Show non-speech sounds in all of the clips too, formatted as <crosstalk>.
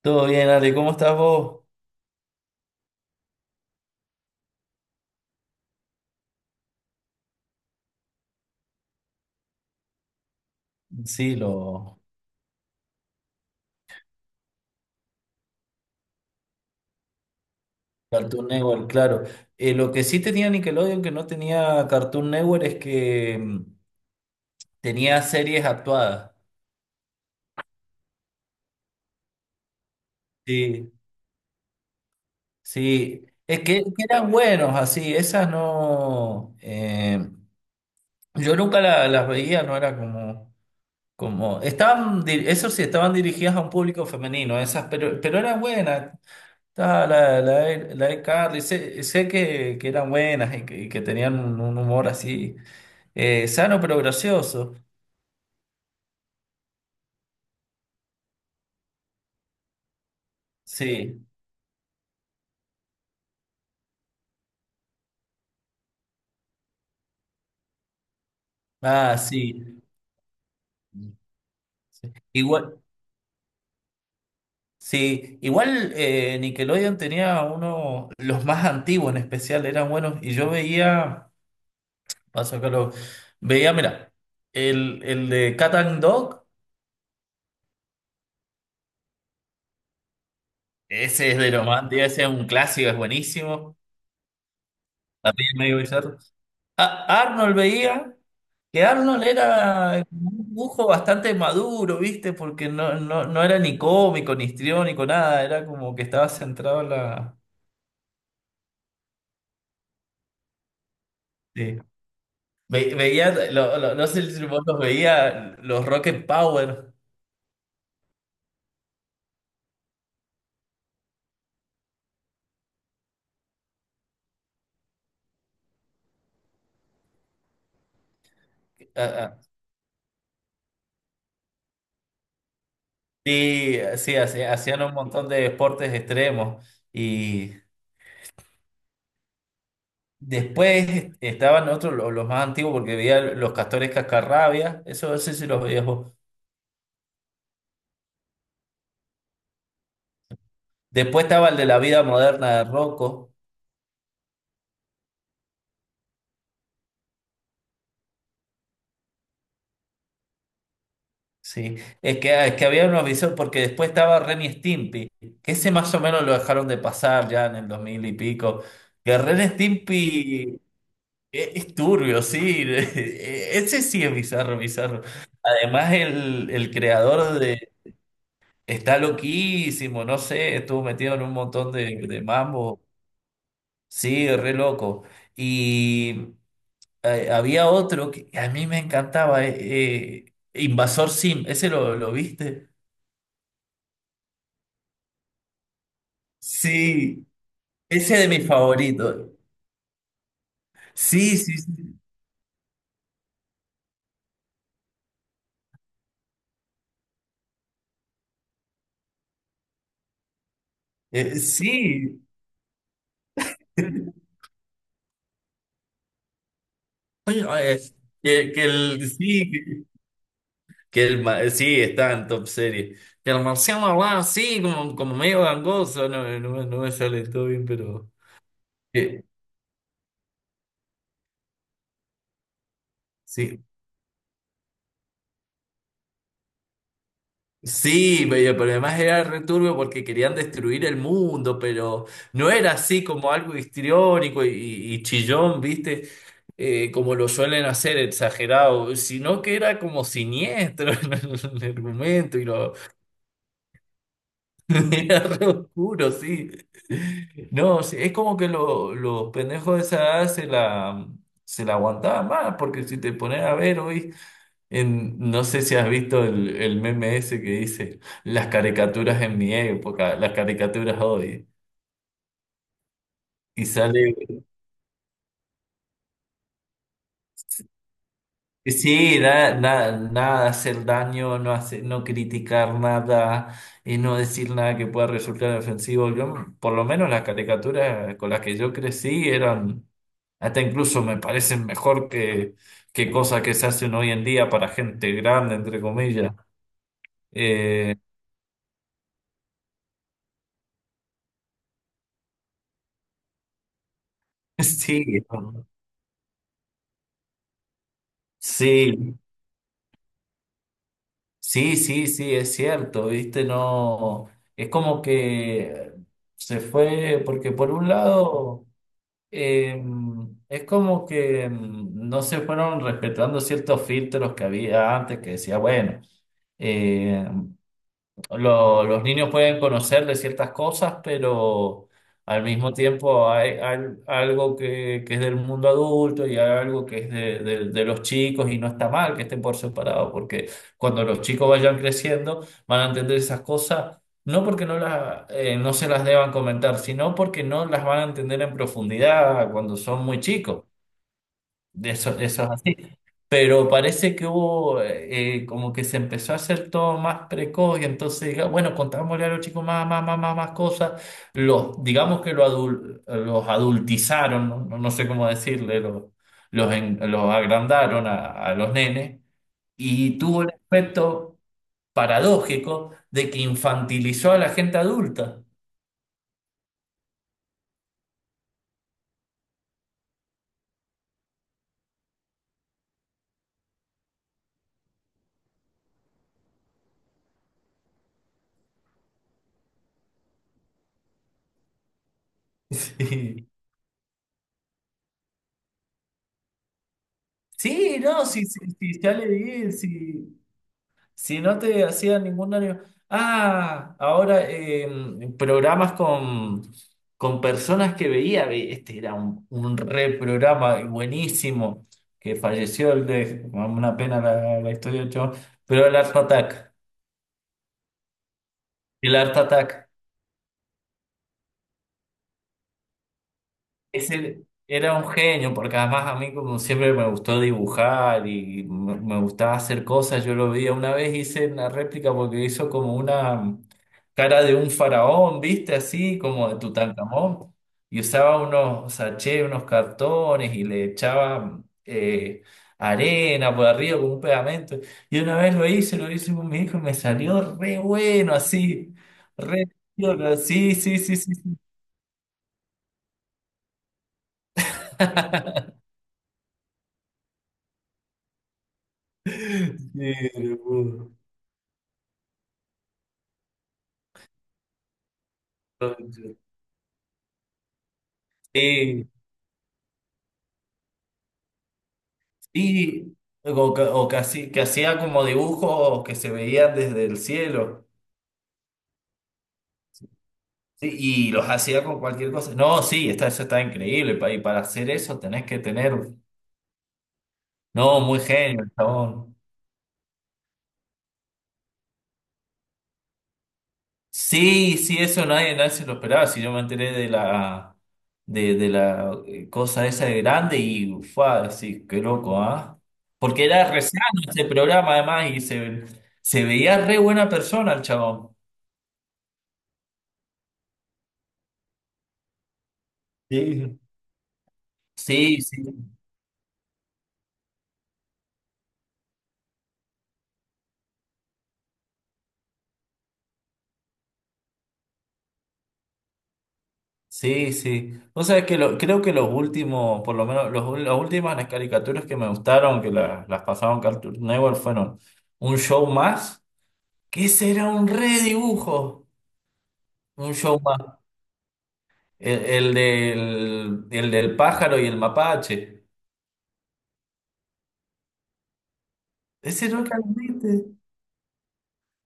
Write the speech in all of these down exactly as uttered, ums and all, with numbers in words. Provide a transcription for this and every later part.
Todo bien, Ale, ¿cómo estás vos? Sí, lo Cartoon Network, claro. Eh, lo que sí tenía Nickelodeon que no tenía Cartoon Network es que mm, tenía series actuadas. Sí, sí. Es que, que eran buenos así, esas no. Eh, yo nunca la- las veía, no era como. Como estaban, di- eso sí, estaban dirigidas a un público femenino, esas, pero, pero eran buenas. Ah, la, la, de- la de Carly, sé, sé que, que eran buenas y que, y que tenían un, un humor así eh, sano pero gracioso. Sí, ah, sí. Igual, sí, igual eh, Nickelodeon tenía uno, los más antiguos en especial, eran buenos. Y yo veía, paso acá lo, veía, mira, el, el de Cat and Dog, ese es de lo más antiguo, ese es un clásico, es buenísimo. También medio bizarro. A- Arnold veía. Que Arnold era un dibujo bastante maduro, ¿viste? Porque no, no, no era ni cómico, ni histriónico, nada. Era como que estaba centrado en la... Sí. Ve- veía, lo- lo- no sé si vos los veía, los Rocket Power. Ah, ah, sí, sí, hacía- hacían un montón de deportes extremos. Y después estaban otros, lo- los más antiguos, porque veía los Castores Cascarrabias. Eso no sé si los veías vos. Después estaba el de la vida moderna de Rocco. Sí, es que, es que había un aviso porque después estaba Ren y Stimpy, que ese más o menos lo dejaron de pasar ya en el dos mil y pico. Que Ren y Stimpy es, es turbio, sí, <laughs> ese sí es bizarro, bizarro. Además el, el creador de... Está loquísimo, no sé, estuvo metido en un montón de, de mambo. Sí, re loco. Y eh, había otro que a mí me encantaba, eh, eh, Invasor Sim, ¿ese lo, lo viste? Sí, ese de mis favoritos. Sí, sí, sí. Eh, sí. <laughs> Oye, eh, que, que el, sí, que, que el, ma- sí, está en top serie. Que el marciano hablaba así, como, como medio gangoso. No, no, me no me sale todo bien, pero. Eh, sí. Sí, pero, pero además era returbio porque querían destruir el mundo, pero no era así como algo histriónico y, y chillón, ¿viste? Eh, como lo suelen hacer, exagerado, sino que era como siniestro <laughs> en el argumento y lo <laughs> era re oscuro, sí. No, sí, es como que lo- los pendejos de esa edad se la, se la aguantaban más, porque si te pones a ver hoy. En- no sé si has visto el, el meme ese que dice las caricaturas en mi época, las caricaturas hoy. Y sale, sí, da- da- nada, hacer daño, no hacer, no criticar nada y no decir nada que pueda resultar ofensivo. Yo, por lo menos las caricaturas con las que yo crecí eran, hasta incluso me parecen mejor que, que cosas que se hacen hoy en día para gente grande, entre comillas. Eh, <laughs> sí, sí. Sí, sí, sí, es cierto, viste, no, es como que se fue, porque por un lado, eh, es como que mm, no se fueron respetando ciertos filtros que había antes, que decía, bueno, eh, lo- los niños pueden conocer de ciertas cosas, pero al mismo tiempo hay, al- algo que, que es del mundo adulto y hay algo que es de, de- de los chicos y no está mal que estén por separado, porque cuando los chicos vayan creciendo van a entender esas cosas, no porque no, las, eh, no se las deban comentar, sino porque no las van a entender en profundidad cuando son muy chicos. De eso, eso es así. Pero parece que hubo, eh, eh, como que se empezó a hacer todo más precoz y entonces, diga- bueno, contámosle a los chicos más, más, más, más, más cosas. Los, digamos que lo adul- los adultizaron, no, No- no sé cómo decirle, los, los, en- los agrandaron a, a los nenes y tuvo el efecto paradójico de que infantilizó a la gente adulta. <laughs> Sí, sí, no, sí, sí, sí, ya leí, sí. Si no te hacía ningún daño. Ah, ahora eh, programas con, con personas que veía. Ve- este era un, un re programa buenísimo. Que falleció el de. Una pena la, la historia del chabón. Pero el Art Attack. El Art Attack. Ese era un genio, porque además a mí como siempre me gustó dibujar y me, me gustaba hacer cosas, yo lo veía una vez, hice una réplica porque hizo como una cara de un faraón, ¿viste? Así como de Tutankamón, y usaba unos sachets, unos cartones y le echaba eh, arena por arriba con un pegamento. Y una vez lo hice, lo hice con mi hijo y me salió re bueno, así, re... bueno, sí, sí, sí, sí. Sí. <laughs> Sí, no puedo. Sí, sí, o, ca- o casi, que hacía como dibujos que se veían desde el cielo, sí, y los hacía con cualquier cosa. No, sí, está, eso está increíble, pa- y para hacer eso tenés que tener, no, muy genio, el chabón. Sí, sí, eso nadie, nadie se lo esperaba, si yo me enteré de la, de, de la eh, cosa esa de grande y, ufa, sí, qué loco, ¿ah? Porque era re sano ese programa además y se, se veía re buena persona el chabón. Sí. Sí, sí, sí, sí. Vos sabés que lo- creo que los últimos, por lo menos los, ul- las últimas las caricaturas que me gustaron, que las, las pasaron Cartoon Network, fueron un show más, que ese era un redibujo, un show más. El, el del, el del pájaro y el mapache. Ese nunca lo viste.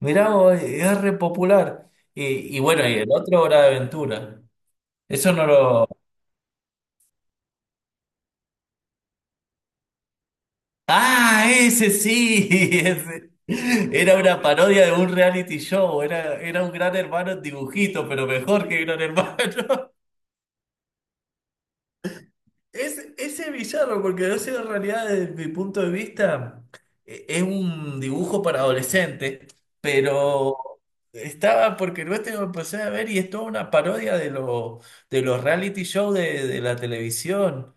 Mirá, vos, es re popular. Y, y bueno, y el otro Hora de Aventura. Eso no lo, ah, ese sí, <laughs> ese. Era una parodia de un reality show, era, era un gran hermano en dibujito, pero mejor que gran hermano. <laughs> Ese, ese villano, porque no sé, en realidad desde mi punto de vista e- es un dibujo para adolescentes, pero estaba porque no este lo empecé a ver y es toda una parodia de, lo, de los reality shows de, de la televisión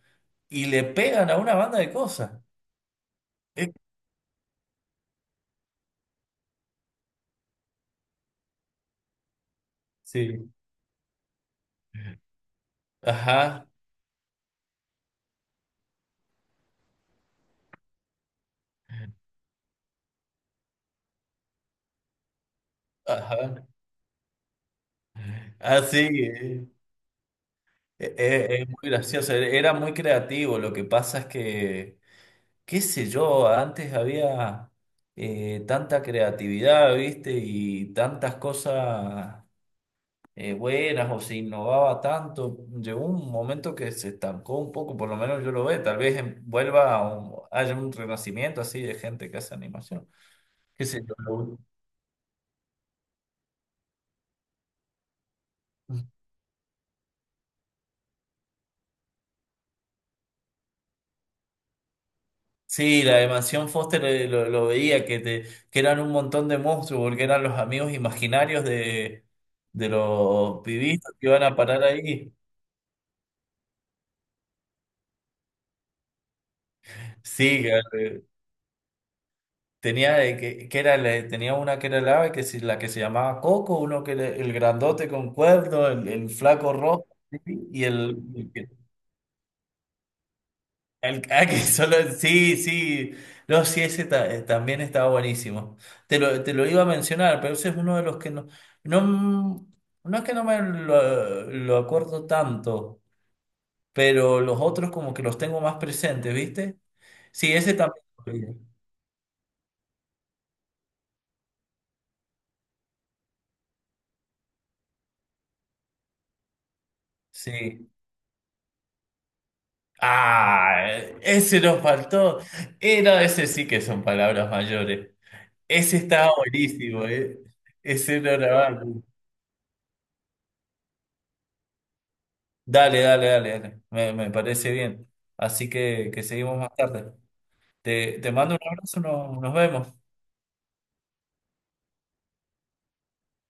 y le pegan a una banda de cosas. Es- sí, ajá, ajá. Ah, sí, eh, eh, eh, es muy gracioso, era era muy creativo, lo que pasa es que, qué sé yo, antes había eh, tanta creatividad, ¿viste? Y tantas cosas eh, buenas o se innovaba tanto, llegó un momento que se estancó un poco, por lo menos yo lo veo, tal vez em- vuelva a un- haya un renacimiento así de gente que hace animación, qué sé yo. Lo- sí, la de Mansión Foster eh, lo, lo veía, que, te, que eran un montón de monstruos, porque eran los amigos imaginarios de, de los pibitos que iban a parar ahí. Sí, que, eh, tenía, eh, que, que era, la- tenía una que era el ave, que si- la que se llamaba Coco, uno que era el grandote con cuerno, el, el flaco rojo, ¿sí? Y el, El, <laughs> ah, que solo, sí, sí. No, sí, ese ta- eh, también estaba buenísimo. Te lo, te lo iba a mencionar, pero ese es uno de los que no. No, mm, no es que no me lo, lo acuerdo tanto, pero los otros como que los tengo más presentes, ¿viste? Sí, ese también. Lo vi, sí. Ah, ese nos faltó. Eh, no, ese sí que son palabras mayores. Ese estaba buenísimo, ¿eh? Ese no era malo. Dale, dale, dale, dale. Me, me parece bien. Así que, que seguimos más tarde. Te, te mando un abrazo, no- nos vemos.